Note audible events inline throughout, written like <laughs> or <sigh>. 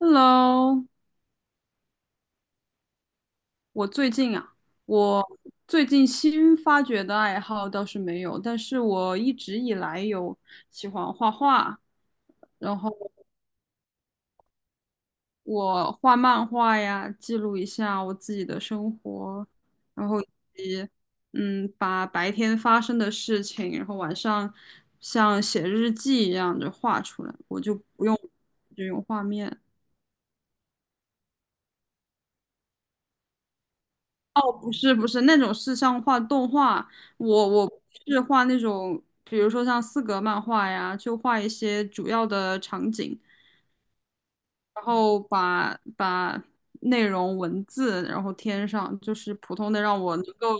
Hello，我最近啊，我最近新发掘的爱好倒是没有，但是我一直以来有喜欢画画，然后我画漫画呀，记录一下我自己的生活，然后以及把白天发生的事情，然后晚上像写日记一样的画出来，我就不用就用画面。不是不是那种是像画动画，我是画那种，比如说像四格漫画呀，就画一些主要的场景，然后把内容文字然后添上，就是普通的让我能够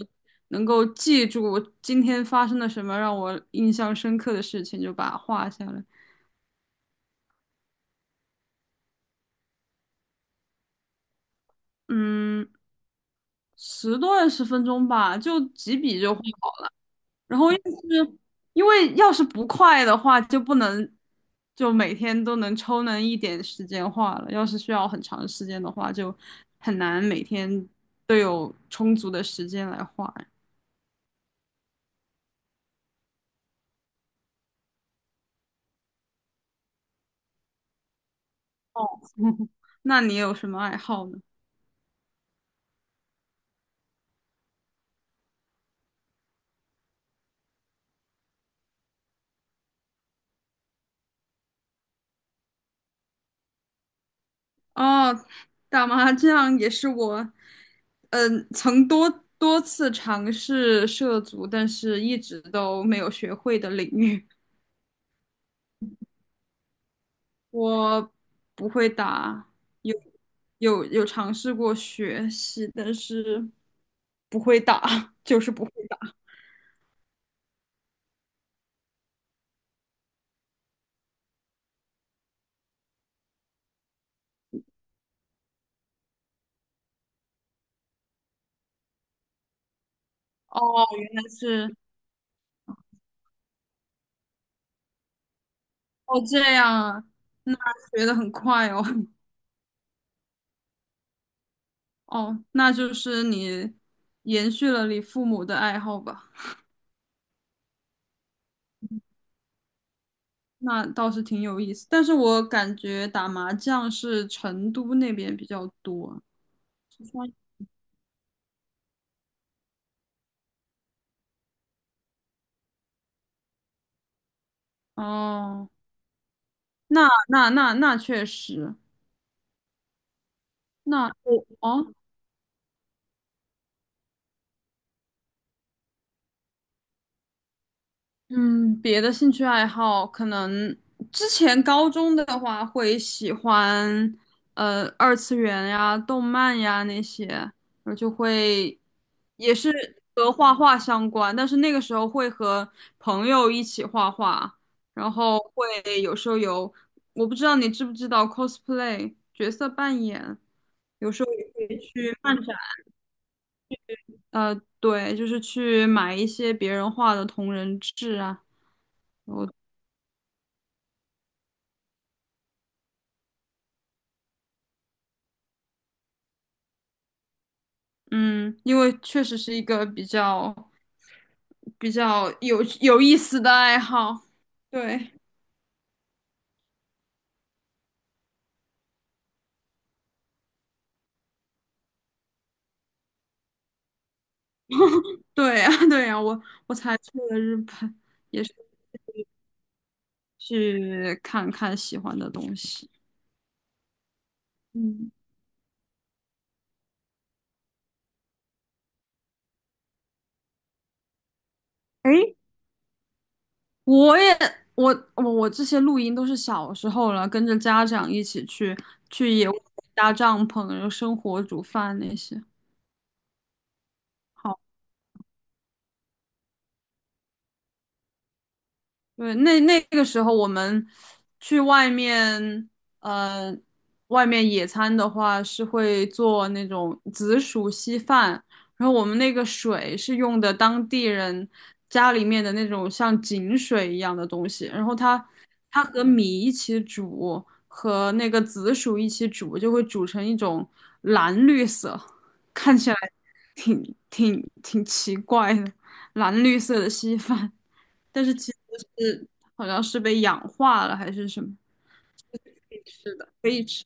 能够记住今天发生了什么让我印象深刻的事情，就把它画下来。嗯，10多20分钟吧，就几笔就画然后要是不快的话，就不能就每天都能抽能一点时间画了。要是需要很长时间的话，就很难每天都有充足的时间来画。哦，<laughs> 那你有什么爱好呢？哦，打麻将也是我，曾多次尝试涉足，但是一直都没有学会的领域。我不会打，有有尝试过学习，但是不会打，<laughs> 就是不会打。哦，原来是哦这样啊，那学的很快哦。<laughs> 哦，那就是你延续了你父母的爱好吧，那倒是挺有意思。但是我感觉打麻将是成都那边比较多，四川哦，那确实，那我哦。别的兴趣爱好可能之前高中的话会喜欢，二次元呀、动漫呀那些，我就会也是和画画相关，但是那个时候会和朋友一起画画，然后会有时候有，我不知道你知不知道 cosplay 角色扮演，有时候也会去漫展，呃，对，就是去买一些别人画的同人志啊。我。嗯，因为确实是一个比较有意思的爱好。对，对呀，<laughs> 对呀，我才去了日本，也是去看看喜欢的东西。嗯，诶，我也我我我这些录音都是小时候了，跟着家长一起去去野外搭帐篷，然后生火煮饭那些。好。对，那个时候我们去外面，呃，外面野餐的话是会做那种紫薯稀饭，然后我们那个水是用的当地人家里面的那种像井水一样的东西，然后它和米一起煮，和那个紫薯一起煮，就会煮成一种蓝绿色，<laughs> 看起来挺奇怪的蓝绿色的稀饭。但是其实是好像是被氧化了还是什么，可以吃的，可以吃。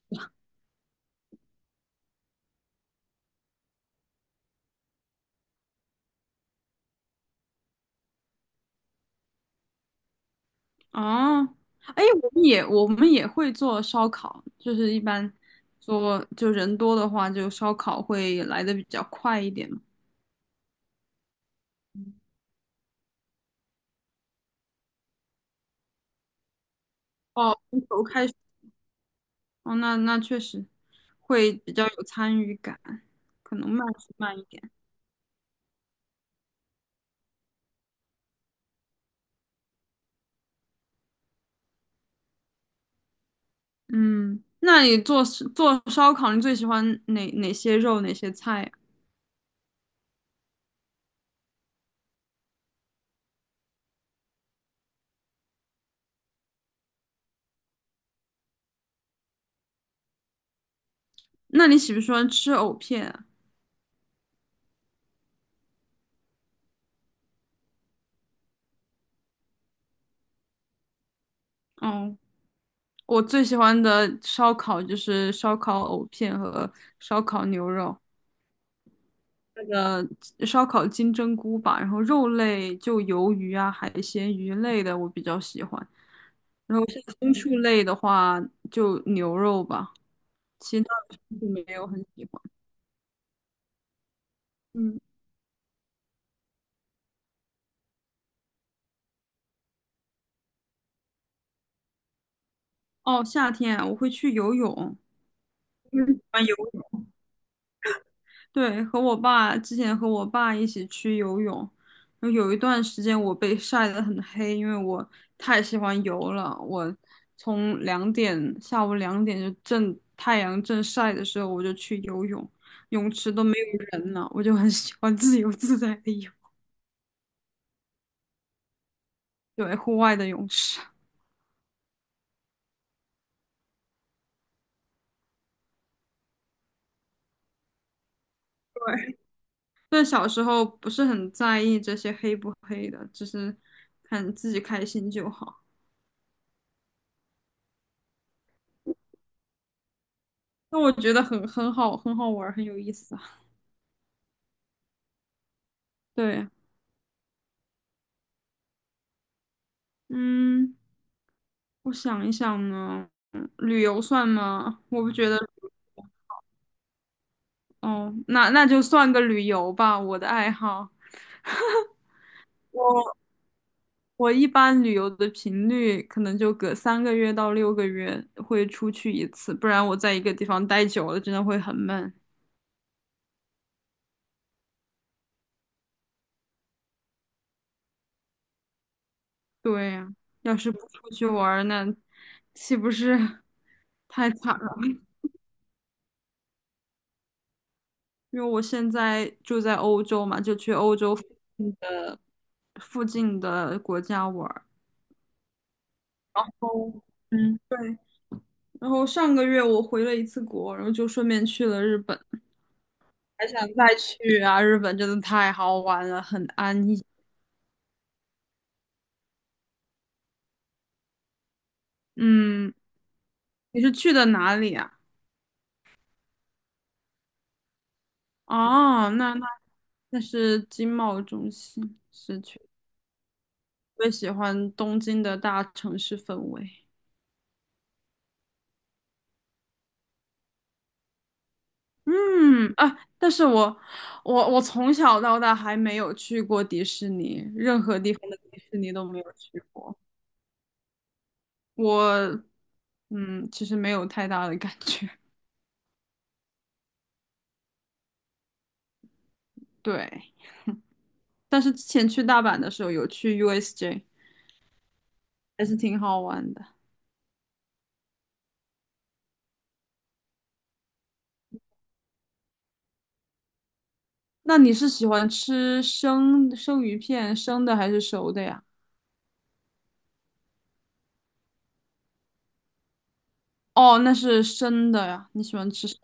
哦，哎，我们也会做烧烤，就是一般做就人多的话，就烧烤会来的比较快一点嘛。哦，从头开始，哦，那确实会比较有参与感，可能慢是慢一点。嗯，那你做做烧烤，你最喜欢哪些肉哪些菜啊？那你喜不喜欢吃藕片啊？哦。我最喜欢的烧烤就是烧烤藕片和烧烤牛肉，那个烧烤金针菇吧，然后肉类就鱿鱼啊、海鲜、鱼类的我比较喜欢，然后像牲畜类的话就牛肉吧，其他的就没有很喜欢。嗯，哦，夏天啊我会去游泳，嗯，喜欢游对，和我爸之前和我爸一起去游泳，然后有一段时间我被晒得很黑，因为我太喜欢游了。我从下午2点就正太阳正晒的时候，我就去游泳，泳池都没有人了，我就很喜欢自由自在的游，对，户外的泳池。对，但小时候不是很在意这些黑不黑的，只是看自己开心就好。那我觉得很好，很好玩儿，很有意思啊。对。嗯，我想一想呢，旅游算吗？我不觉得，哦，那那就算个旅游吧，我的爱好。我我一般旅游的频率可能就隔3个月到6个月会出去一次，不然我在一个地方待久了真的会很闷。对呀，要是不出去玩儿，那岂不是 <laughs> 太惨了？因为我现在住在欧洲嘛，就去欧洲近的附近的国家玩。哦，嗯，对，然后上个月我回了一次国，然后就顺便去了日本，还想再去啊！日本真的太好玩了，很安逸。嗯，你是去的哪里啊？哦，那是经贸中心，是去。最喜欢东京的大城市氛围。但是我从小到大还没有去过迪士尼，任何地方的迪士尼都没有去过。我其实没有太大的感觉。<laughs> 对，但是之前去大阪的时候有去 USJ，还是挺好玩的。那你是喜欢吃生鱼片，生的还是熟的呀？哦，那是生的呀，你喜欢吃生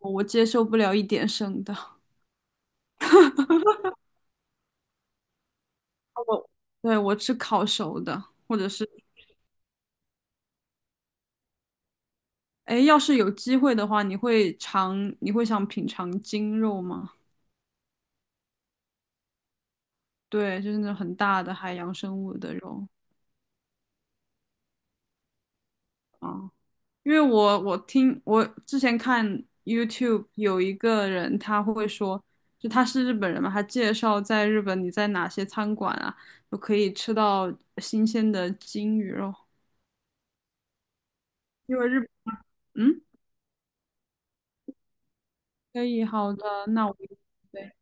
的，我接受不了一点生的。<laughs> 对，我吃烤熟的，或者是，哎，要是有机会的话，你会尝，你会想品尝鲸肉吗？对，就是那种很大的海洋生物的肉啊。因为我听我之前看 YouTube 有一个人他会说，就他是日本人嘛，他介绍在日本你在哪些餐馆啊，就可以吃到新鲜的金鱼肉，因为日嗯可以好的，那我对。